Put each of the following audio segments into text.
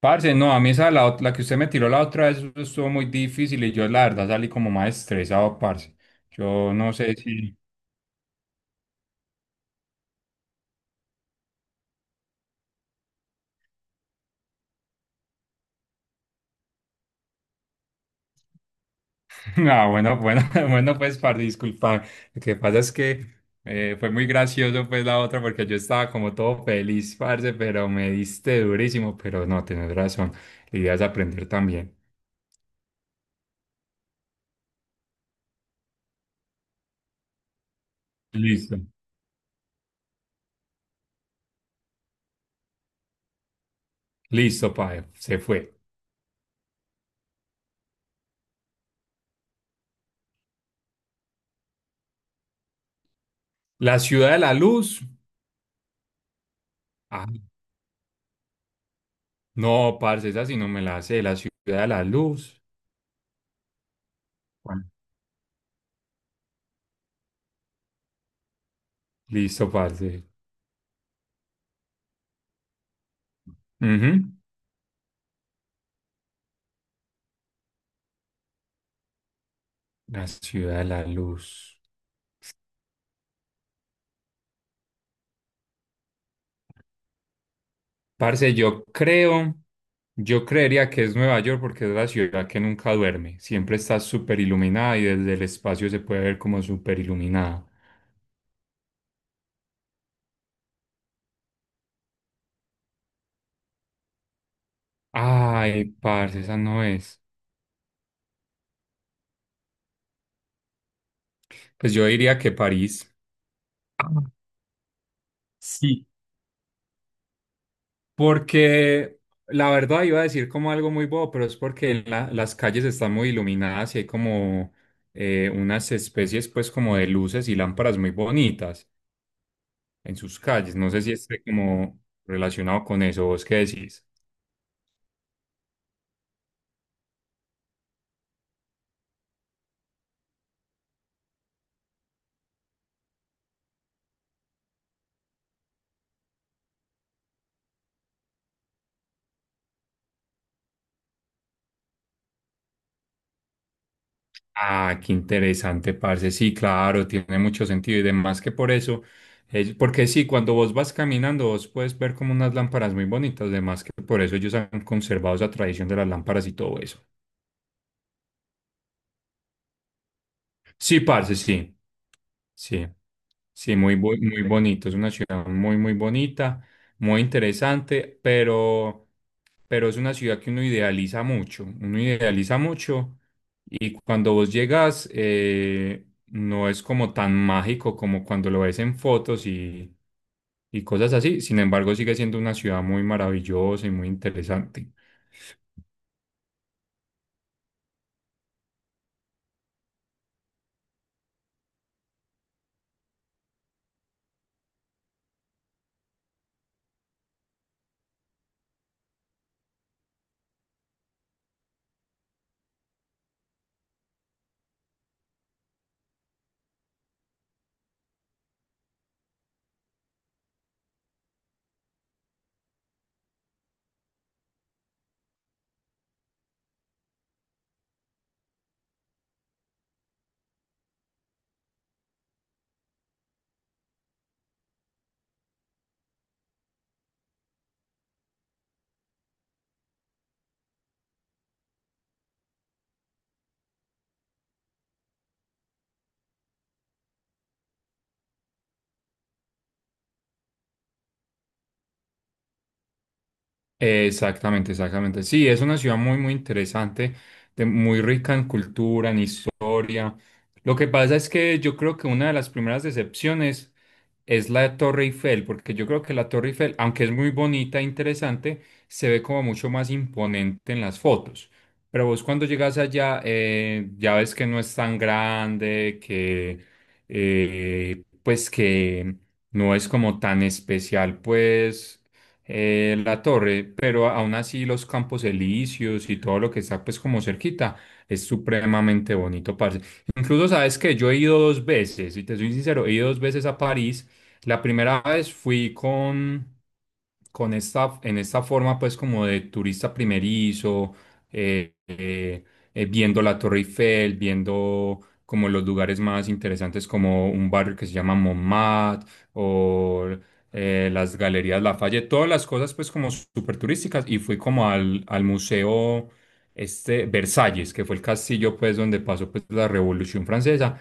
Parce, no, a mí esa, la, la que usted me tiró la otra vez eso estuvo muy difícil y yo la verdad salí como más estresado, parce. Yo no sé si... Ah, bueno, bueno, bueno, pues, parce, disculpa. Lo que pasa es que fue muy gracioso, pues, la otra, porque yo estaba como todo feliz, parce, pero me diste durísimo, pero no, tienes razón. La idea es aprender también. Listo. Listo, padre, se fue. La ciudad de la luz. Ah, no, parce, esa sí no me la sé. La ciudad de la luz. Bueno, listo, parce. Ujú. La ciudad de la luz. Parce, yo creo, yo creería que es Nueva York porque es la ciudad que nunca duerme. Siempre está súper iluminada y desde el espacio se puede ver como súper iluminada. Ay, parce, esa no es. Pues yo diría que París. Ah, sí, porque la verdad iba a decir como algo muy bobo, pero es porque las calles están muy iluminadas y hay como unas especies pues como de luces y lámparas muy bonitas en sus calles. No sé si esté como relacionado con eso. ¿Vos qué decís? Ah, qué interesante, parce. Sí, claro, tiene mucho sentido y demás que por eso porque sí, cuando vos vas caminando, vos puedes ver como unas lámparas muy bonitas, además que por eso ellos han conservado esa tradición de las lámparas y todo eso. Sí, parce, sí, sí. Sí, muy, muy bonito. Es una ciudad muy, muy bonita, muy interesante, pero es una ciudad que uno idealiza mucho. Uno idealiza mucho. Y cuando vos llegas, no es como tan mágico como cuando lo ves en fotos y cosas así. Sin embargo, sigue siendo una ciudad muy maravillosa y muy interesante. Exactamente, exactamente. Sí, es una ciudad muy, muy interesante, muy rica en cultura, en historia. Lo que pasa es que yo creo que una de las primeras decepciones es la Torre Eiffel, porque yo creo que la Torre Eiffel, aunque es muy bonita e interesante, se ve como mucho más imponente en las fotos. Pero vos cuando llegas allá, ya ves que no es tan grande, que pues que no es como tan especial, pues la torre, pero aún así los campos elíseos y todo lo que está pues como cerquita es supremamente bonito, parce. Incluso sabes que yo he ido dos veces, y te soy sincero, he ido dos veces a París. La primera vez fui con esta, en esta forma pues como de turista primerizo, eh, eh, viendo la Torre Eiffel, viendo como los lugares más interesantes como un barrio que se llama Montmartre o las galerías Lafayette, todas las cosas pues como súper turísticas y fui como al, al museo este Versalles, que fue el castillo pues donde pasó pues la Revolución Francesa.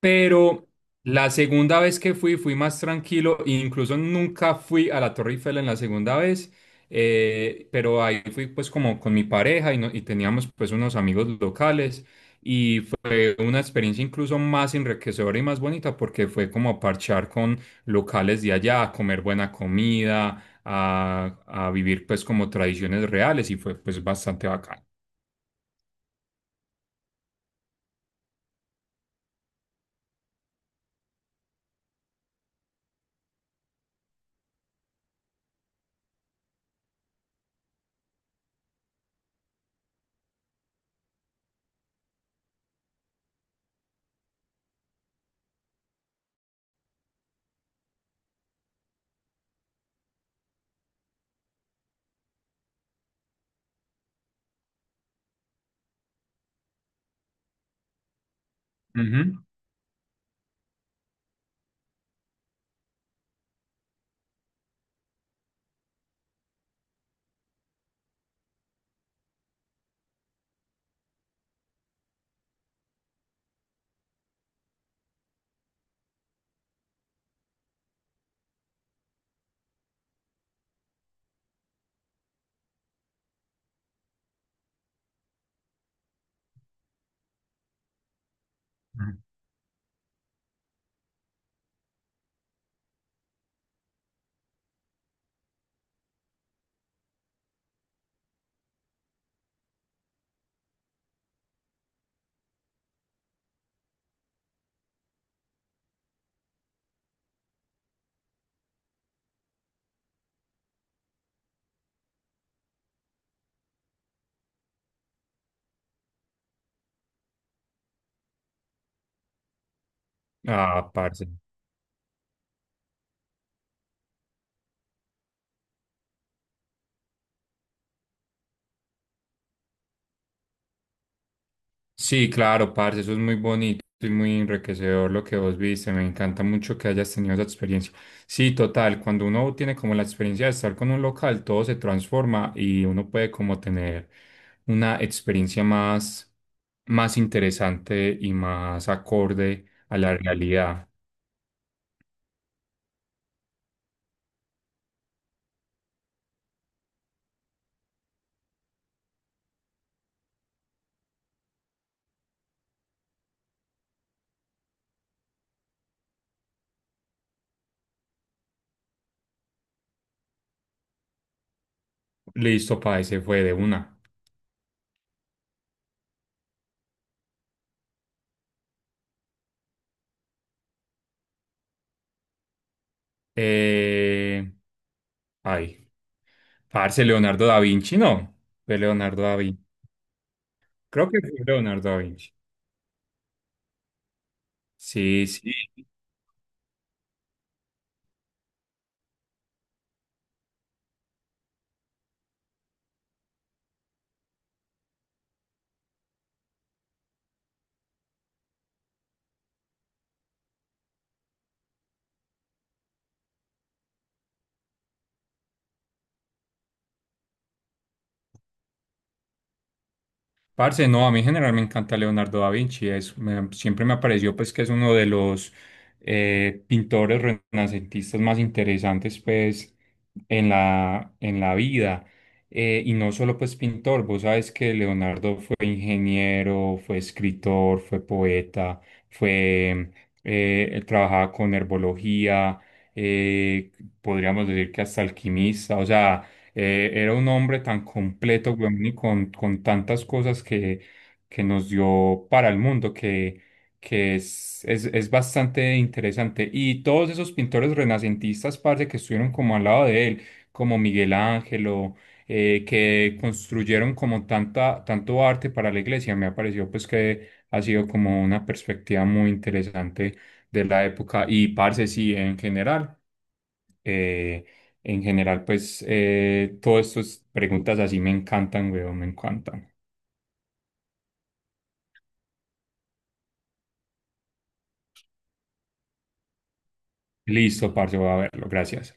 Pero la segunda vez que fui, fui más tranquilo, e incluso nunca fui a la Torre Eiffel en la segunda vez, pero ahí fui pues como con mi pareja y, y teníamos pues unos amigos locales y fue una experiencia incluso más enriquecedora y más bonita porque fue como a parchar con locales de allá, a comer buena comida, a vivir pues como tradiciones reales y fue pues bastante bacán. Ujú. Ujú. Ah, parce. Sí, claro, parce, eso es muy bonito y muy enriquecedor lo que vos viste. Me encanta mucho que hayas tenido esa experiencia. Sí, total, cuando uno tiene como la experiencia de estar con un local, todo se transforma y uno puede como tener una experiencia más, más interesante y más acorde a la realidad. Listo, parce, se fue de una. Eh, ay, parce, Leonardo da Vinci, no, fue Leonardo da Vinci. Creo que fue Leonardo da Vinci. Sí, sí. Parce, no, a mí en general me encanta Leonardo da Vinci, es, siempre me pareció pues que es uno de los pintores renacentistas más interesantes pues en la vida. Y no solo pues pintor, vos sabes que Leonardo fue ingeniero, fue escritor, fue poeta, fue, él trabajaba con herbología, eh, podríamos decir que hasta alquimista, o sea... Era un hombre tan completo, weón, y con tantas cosas que nos dio para el mundo, que es bastante interesante. Y todos esos pintores renacentistas, parce, que estuvieron como al lado de él, como Miguel Ángelo, que construyeron como tanta, tanto arte para la iglesia, me ha parecido pues que ha sido como una perspectiva muy interesante de la época. Y parce, sí, en general. Eh, en general, pues, todas estas preguntas así me encantan, weón, me encantan. Listo, parce, voy a verlo. Gracias.